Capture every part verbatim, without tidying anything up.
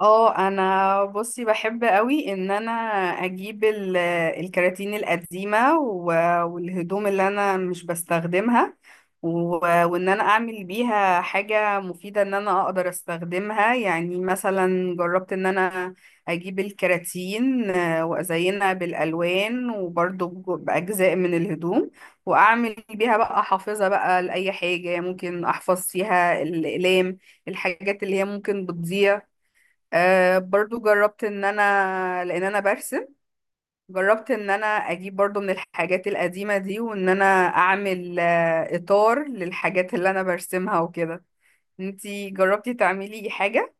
اه انا بصي بحب قوي ان انا اجيب ال- الكراتين القديمه و- والهدوم اللي انا مش بستخدمها و- وان انا اعمل بيها حاجه مفيده ان انا اقدر استخدمها. يعني مثلا جربت ان انا اجيب الكراتين آه، وازينها بالالوان وبرضو بج- باجزاء من الهدوم واعمل بيها بقى حافظه بقى لاي حاجه ممكن احفظ فيها الاقلام، الحاجات اللي هي ممكن بتضيع. آه برضو جربت ان انا لان انا برسم، جربت ان انا اجيب برضو من الحاجات القديمة دي وان انا اعمل آه اطار للحاجات اللي انا برسمها وكده. انتي جربتي تعملي حاجة؟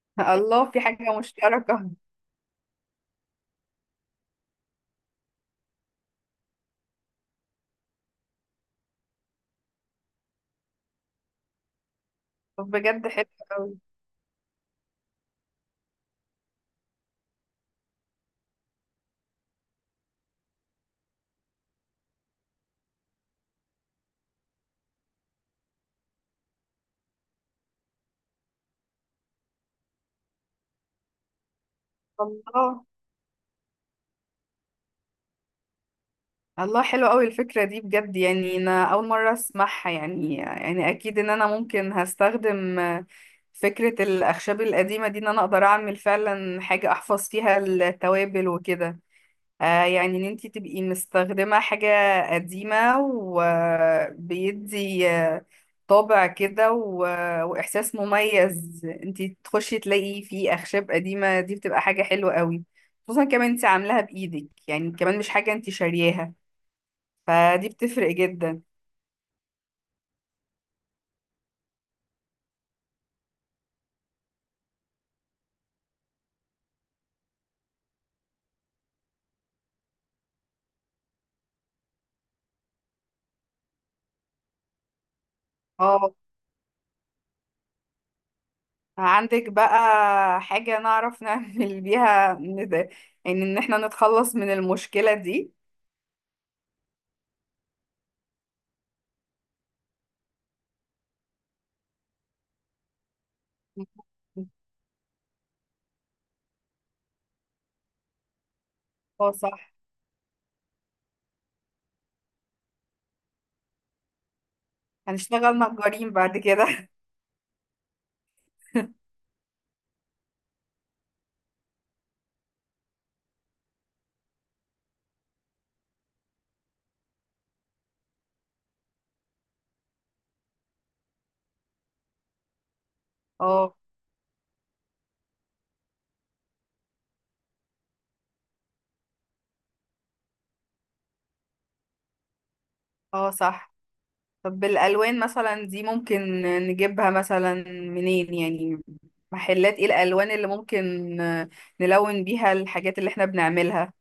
الله، في حاجة مشتركة. طب بجد حلو قوي. الله، الله حلو قوي الفكرة دي بجد. يعني انا اول مرة اسمعها، يعني يعني اكيد ان انا ممكن هستخدم آه، فكرة الأخشاب القديمة دي إن أنا أقدر أعمل فعلا حاجة أحفظ فيها التوابل وكده. آه يعني ان انتي تبقي مستخدمة حاجة قديمة وبيدي، آه، طابع كده و- واحساس مميز. انتي تخشي تلاقي فيه اخشاب قديمة دي بتبقى حاجة حلوة قوي، خصوصا كمان انتي عاملاها بايدك، يعني كمان مش حاجة انتي شارياها، فدي بتفرق جدا. اه، عندك بقى حاجة نعرف نعمل بيها ند- يعني ان احنا نتخلص من المشكلة دي؟ اه صح. هنشتغل نجارين بعد كده. اه. اه صح. طب الالوان مثلا دي ممكن نجيبها مثلا منين يعني؟ محلات ايه الالوان اللي ممكن نلون بيها الحاجات اللي احنا بنعملها؟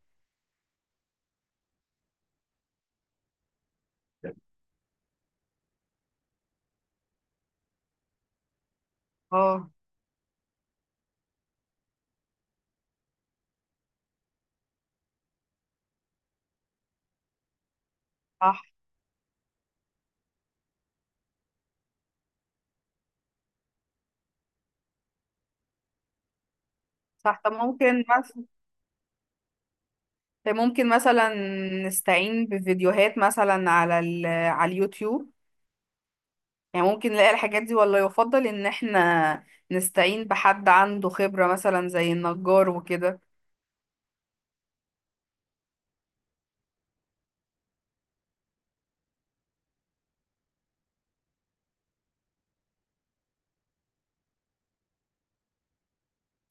اه صح. صح. طب ممكن مثلا، ممكن مثلا نستعين بفيديوهات مثلا على ال... على اليوتيوب؟ يعني ممكن نلاقي الحاجات دي ولا يفضل ان احنا نستعين بحد عنده خبرة مثلا زي النجار وكده؟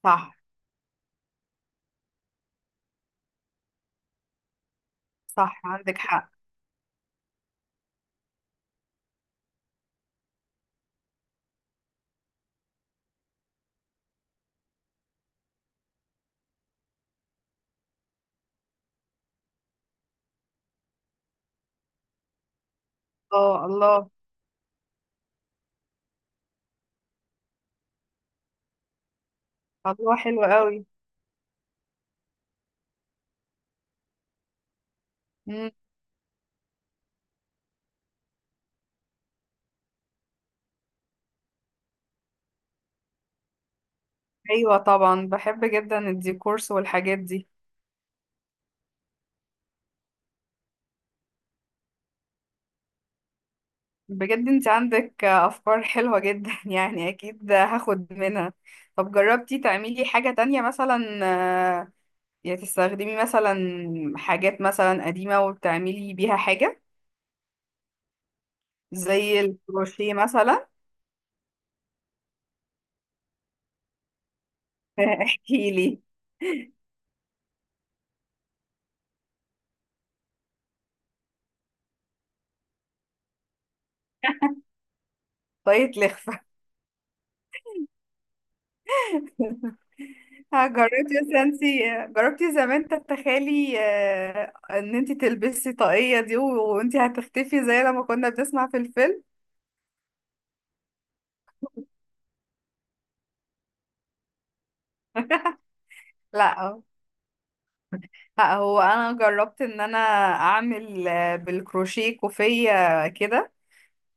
صح. صح عندك حق. اه الله. الله حلو قوي. مم، ايوه طبعا بحب جدا الديكورس والحاجات دي. بجد انت عندك افكار حلوة جدا. يعني اكيد هاخد منها. طب جربتي تعملي حاجة تانية مثلا؟ آه، يعني تستخدمي مثلا حاجات مثلا قديمة وبتعملي بيها حاجة زي الكروشيه مثلا؟ احكي لي. طريقة لخفة. جربتي مثلا انت، جربتي زمان تتخيلي آه، ان انت تلبسي طاقية دي وانت هتختفي زي لما كنا بنسمع في الفيلم؟ لا لا، هو انا جربت ان انا اعمل آه، بالكروشيه كوفية كده،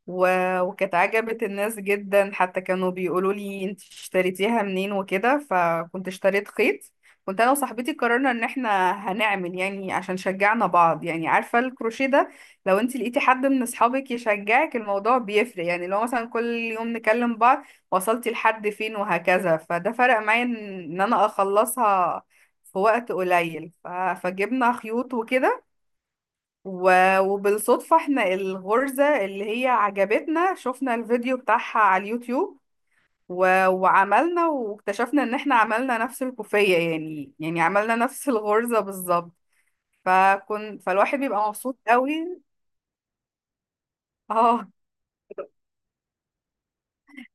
و- وكانت عجبت الناس جدا، حتى كانوا بيقولوا لي انت اشتريتيها منين وكده، فكنت اشتريت خيط. كنت انا وصاحبتي قررنا ان احنا هنعمل يعني عشان شجعنا بعض، يعني عارفه الكروشيه ده لو انت لقيتي حد من اصحابك يشجعك الموضوع بيفرق، يعني لو مثلا كل يوم نكلم بعض وصلتي لحد فين وهكذا، فده فرق معايا ان ان انا اخلصها في وقت قليل. ف- فجبنا خيوط وكده و- وبالصدفة احنا الغرزة اللي هي عجبتنا شفنا الفيديو بتاعها على اليوتيوب و... وعملنا، واكتشفنا ان احنا عملنا نفس الكوفية، يعني يعني عملنا نفس الغرزة بالظبط. فكن فالواحد بيبقى مبسوط قوي. اه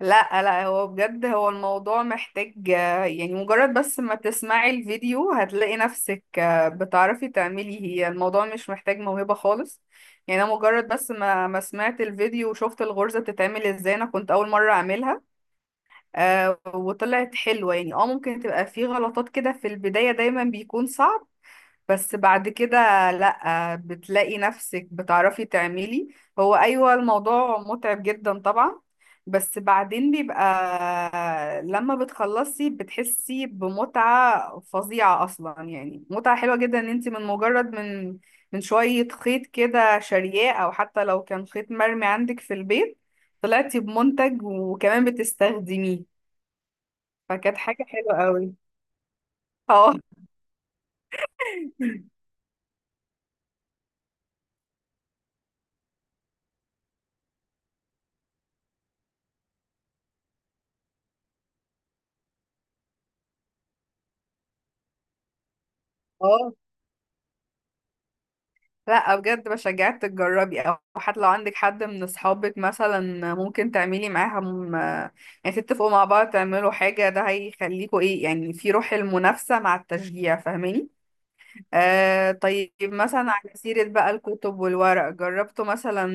لا لا، هو بجد هو الموضوع محتاج آه، يعني مجرد بس ما تسمعي الفيديو هتلاقي نفسك آه، بتعرفي تعملي. هي الموضوع مش محتاج موهبة خالص، يعني انا مجرد بس ما ما سمعت الفيديو وشفت الغرزة بتتعمل ازاي، انا كنت اول مرة اعملها آه، وطلعت حلوة. يعني اه ممكن تبقى في غلطات كده في البداية دايما بيكون صعب، بس بعد كده لأ، بتلاقي نفسك بتعرفي تعملي. هو أيوة الموضوع متعب جدا طبعا، بس بعدين بيبقى لما بتخلصي بتحسي بمتعة فظيعة أصلا، يعني متعة حلوة جدا إن انت من مجرد من، من شوية خيط كده شارياه، أو حتى لو كان خيط مرمي عندك في البيت، طلعتي بمنتج وكمان بتستخدميه. فكانت حاجة حلوة قوي. اه. اه لا بجد، بشجعك تجربي، او حتى لو عندك حد من اصحابك مثلا ممكن تعملي معاهم آه، يعني تتفقوا مع بعض تعملوا حاجة، ده هيخليكوا ايه يعني، في روح المنافسة مع التشجيع، فاهماني؟ آه طيب مثلا على سيرة بقى الكتب والورق، جربتوا مثلا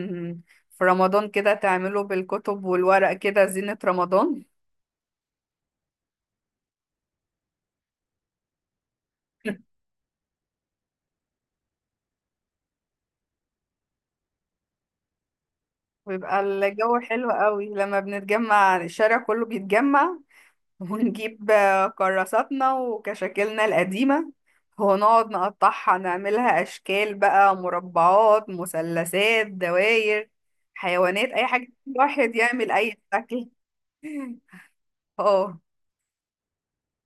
في رمضان كده تعملوا بالكتب والورق كده زينة رمضان؟ بيبقى الجو حلو قوي لما بنتجمع الشارع كله بيتجمع. ونجيب آه، كراساتنا وكشاكلنا القديمة ونقعد نقطعها نعملها أشكال بقى، مربعات مثلثات دواير حيوانات، أي حاجة الواحد يعمل أي شكل. اه.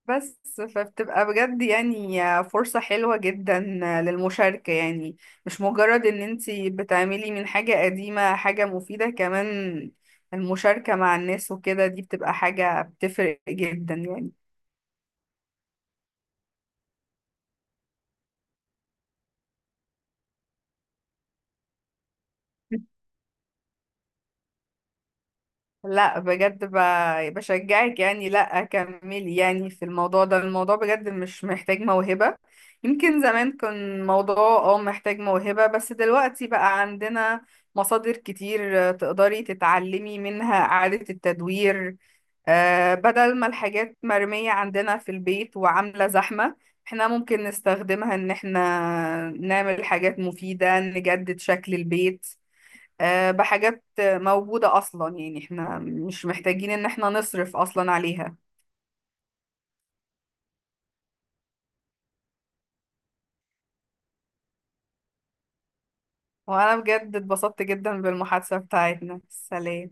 بس فبتبقى بجد يعني فرصة حلوة جدا للمشاركة، يعني مش مجرد ان انتي بتعملي من حاجة قديمة حاجة مفيدة، كمان المشاركة مع الناس وكده دي بتبقى حاجة بتفرق جدا يعني. لا بجد ب- بشجعك يعني، لا كملي يعني في الموضوع ده، الموضوع بجد مش محتاج موهبة. يمكن زمان كان موضوع اه محتاج موهبة، بس دلوقتي بقى عندنا مصادر كتير آه، تقدري تتعلمي منها إعادة التدوير. آه، بدل ما الحاجات مرمية عندنا في البيت وعاملة زحمة، احنا ممكن نستخدمها ان احنا نعمل حاجات مفيدة نجدد شكل البيت، آه، بحاجات موجودة أصلا، يعني احنا مش محتاجين إن احنا نصرف أصلا عليها. وأنا بجد اتبسطت جدا بالمحادثة بتاعتنا. سلام.